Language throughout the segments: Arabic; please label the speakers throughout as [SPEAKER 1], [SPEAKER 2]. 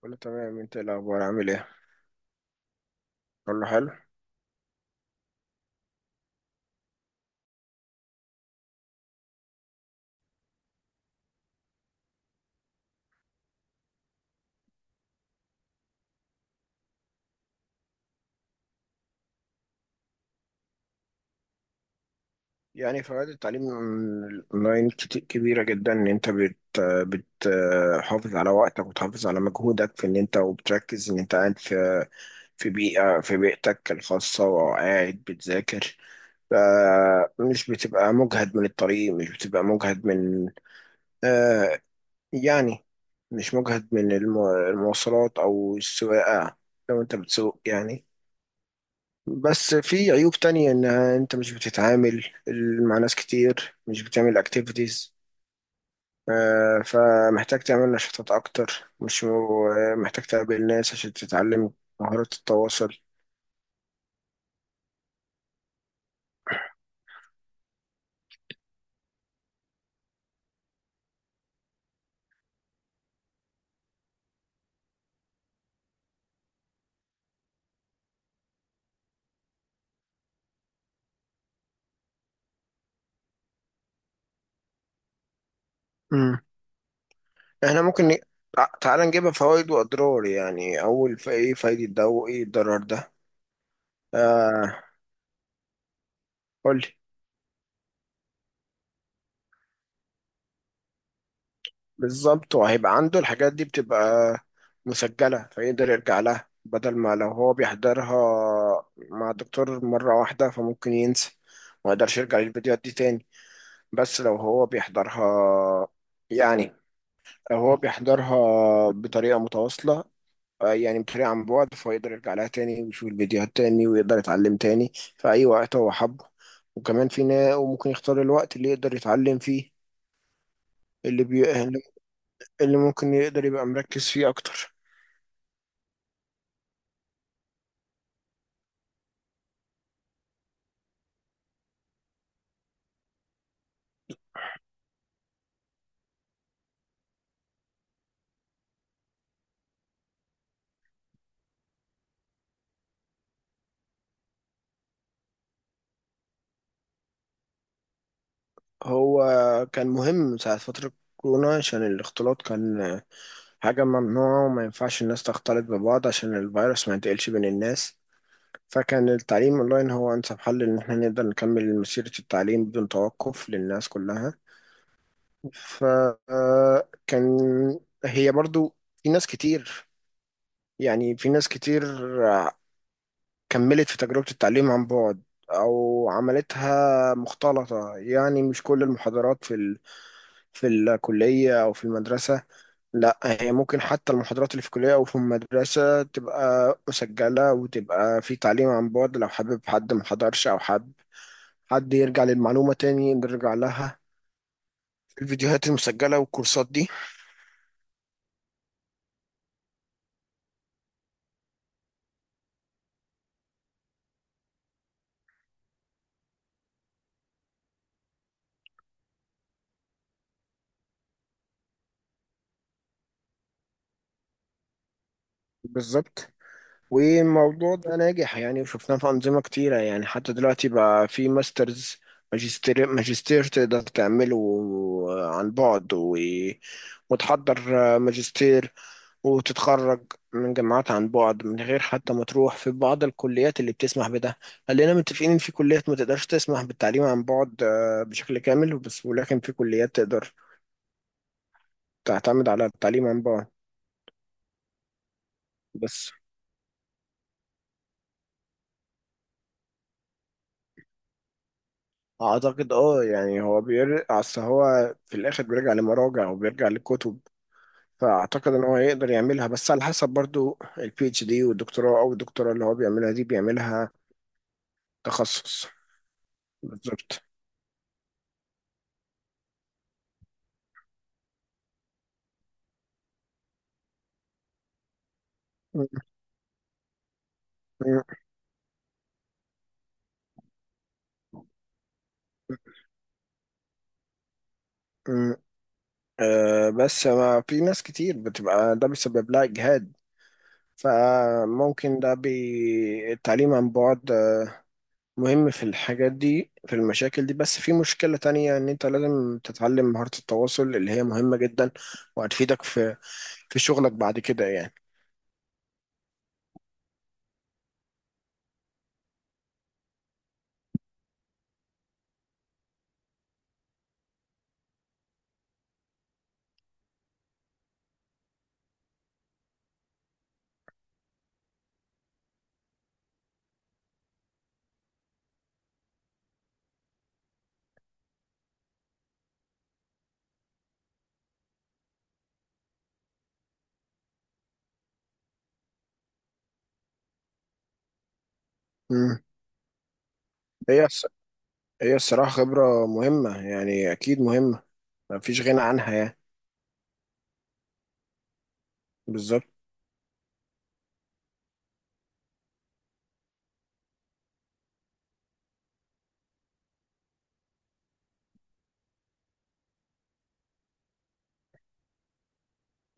[SPEAKER 1] كله تمام، انت ايه الاخبار؟ عامل ايه؟ كله حلو. يعني فوائد التعليم اونلاين كبيره جدا، ان انت بتحافظ على وقتك وتحافظ على مجهودك في ان انت وبتركز ان انت قاعد في بيئه، بيئتك الخاصه وقاعد بتذاكر. فمش بتبقى مجهد من الطريق، مش بتبقى مجهد من، آه يعني مش مجهد من المواصلات او السواقه، لو انت بتسوق يعني. بس في عيوب تانية، انها انت مش بتتعامل مع ناس كتير، مش بتعمل اكتيفيتيز. فمحتاج تعمل نشاطات اكتر، مش محتاج تقابل ناس عشان تتعلم مهارات التواصل. مم. احنا ممكن تعال نجيبها فوائد واضرار يعني. اول ايه فايدة ده وايه الضرر ده؟ آه، قول لي. بالظبط. وهيبقى عنده الحاجات دي بتبقى مسجلة، فيقدر يرجع لها، بدل ما لو هو بيحضرها مع دكتور مرة واحدة فممكن ينسى، ما يقدرش يرجع للفيديوهات دي تاني. بس لو هو بيحضرها، يعني لو هو بيحضرها بطريقة متواصلة، بطريقة عن بعد، فيقدر يرجع لها تاني ويشوف الفيديوهات تاني ويقدر يتعلم تاني في أي وقت هو حبه. وكمان وممكن يختار الوقت اللي يقدر يتعلم فيه، اللي بي... اللي ممكن يقدر يبقى مركز فيه أكتر. هو كان مهم ساعة فترة كورونا، عشان الاختلاط كان حاجة ممنوعة وما ينفعش الناس تختلط ببعض عشان الفيروس ما ينتقلش بين الناس. فكان التعليم اونلاين هو انسب حل ان احنا نقدر نكمل مسيرة التعليم بدون توقف للناس كلها. فكان، هي برضو، في ناس كتير، في ناس كتير كملت في تجربة التعليم عن بعد أو عملتها مختلطة، يعني مش كل المحاضرات في الكلية أو في المدرسة. لا، هي ممكن حتى المحاضرات اللي في الكلية أو في المدرسة تبقى مسجلة، وتبقى في تعليم عن بعد، لو حابب حد محضرش، أو حابب حد يرجع للمعلومة تاني نرجع لها في الفيديوهات المسجلة والكورسات دي. بالظبط. والموضوع ده ناجح يعني، وشفناه في أنظمة كتيرة، يعني حتى دلوقتي بقى في ماسترز، ماجستير. ماجستير تقدر تعمله عن بعد وتحضر ماجستير وتتخرج من جامعات عن بعد من غير حتى ما تروح، في بعض الكليات اللي بتسمح بده. خلينا متفقين ان في كليات ما تقدرش تسمح بالتعليم عن بعد بشكل كامل بس، ولكن في كليات تقدر تعتمد على التعليم عن بعد. بس اعتقد اه، يعني هو بيرجع، اصل هو في الاخر بيرجع لمراجع وبيرجع لكتب، فاعتقد ان هو يقدر يعملها، بس على حسب برضو البي اتش دي والدكتوراه، او الدكتوراه اللي هو بيعملها دي بيعملها تخصص. بالظبط. أه، بس ما في ناس كتير بتبقى ده بيسبب لها إجهاد. فممكن التعليم عن بعد مهم في الحاجات دي، في المشاكل دي. بس في مشكلة تانية، إن أنت لازم تتعلم مهارة التواصل اللي هي مهمة جدا، وهتفيدك في في شغلك بعد كده يعني. مم. هي الص- هي الصراحة خبرة مهمة، يعني أكيد مهمة، مفيش غنى عنها يعني. بالظبط.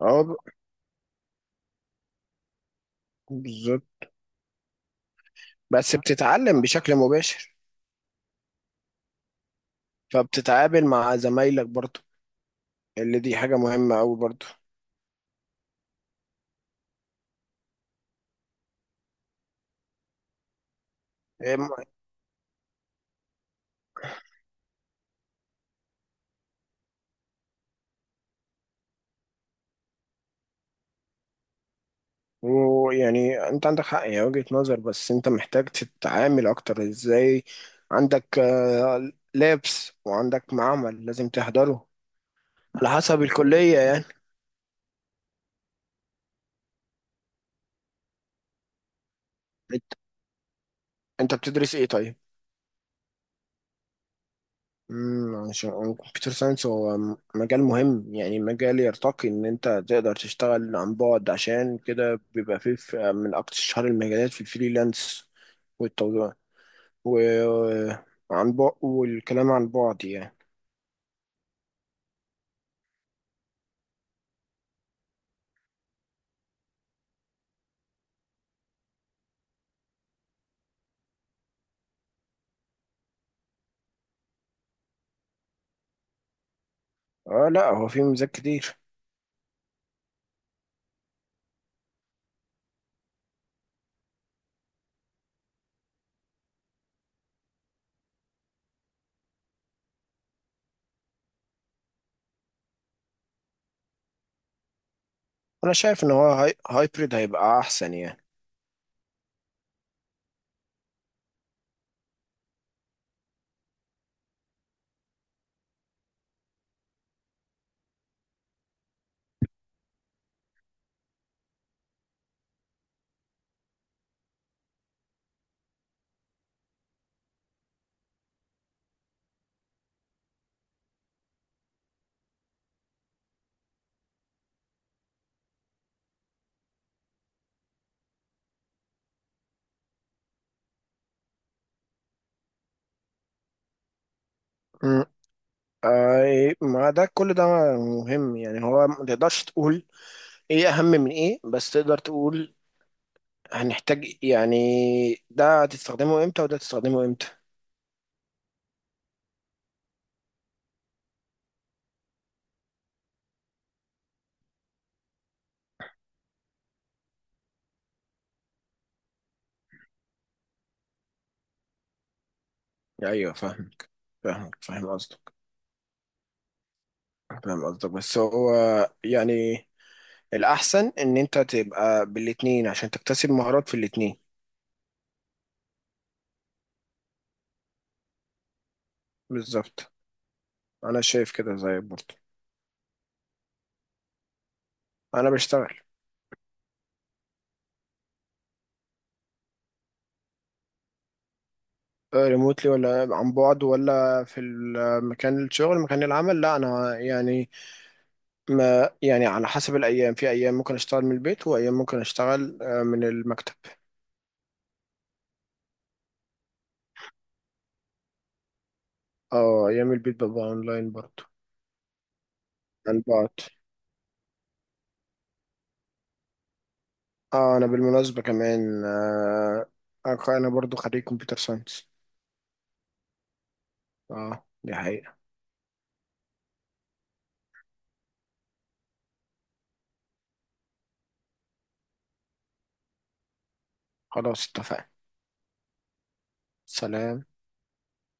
[SPEAKER 1] اه ب- بالظبط، بس بتتعلم بشكل مباشر، فبتتعامل مع زمايلك برضه، اللي دي حاجة مهمة أوي برضو. إيه، م- ويعني أنت عندك حق، هي وجهة نظر، بس أنت محتاج تتعامل أكتر. إزاي؟ عندك لابس، وعندك معمل لازم تحضره، على حسب الكلية يعني. أنت أنت بتدرس إيه طيب؟ امم، عشان كمبيوتر ساينس هو مجال مهم يعني، مجال يرتقي ان انت تقدر تشتغل عن بعد، عشان كده بيبقى فيه من اكتر شهر المجالات في الفريلانس وعن بعد، والكلام عن بعد يعني. اه، لا هو في ميزات كتير. انا شايف ان هو هايبريد هيبقى احسن يعني. مم. آه، إيه، ما ده كل ده مهم يعني. هو ما تقدرش تقول ايه اهم من ايه، بس تقدر تقول هنحتاج يعني ده هتستخدمه امتى وده هتستخدمه امتى. ايوه، فاهمك. فاهمك، فاهم قصدك. فاهم قصدك، بس هو يعني الأحسن إن أنت تبقى بالاتنين عشان تكتسب مهارات في الاتنين. بالظبط. انا شايف كده زيك برضه. انا بشتغل ريموتلي ولا عن بعد ولا في مكان الشغل، مكان العمل؟ لا انا يعني، ما يعني على حسب الايام، في ايام ممكن اشتغل من البيت، وايام ممكن اشتغل من المكتب. اه، ايام البيت ببقى اونلاين برضه، عن بعد. اه انا بالمناسبة كمان آه، انا برضه خريج كمبيوتر ساينس. اه دي حقيقة. خلاص، اتفقنا. سلام.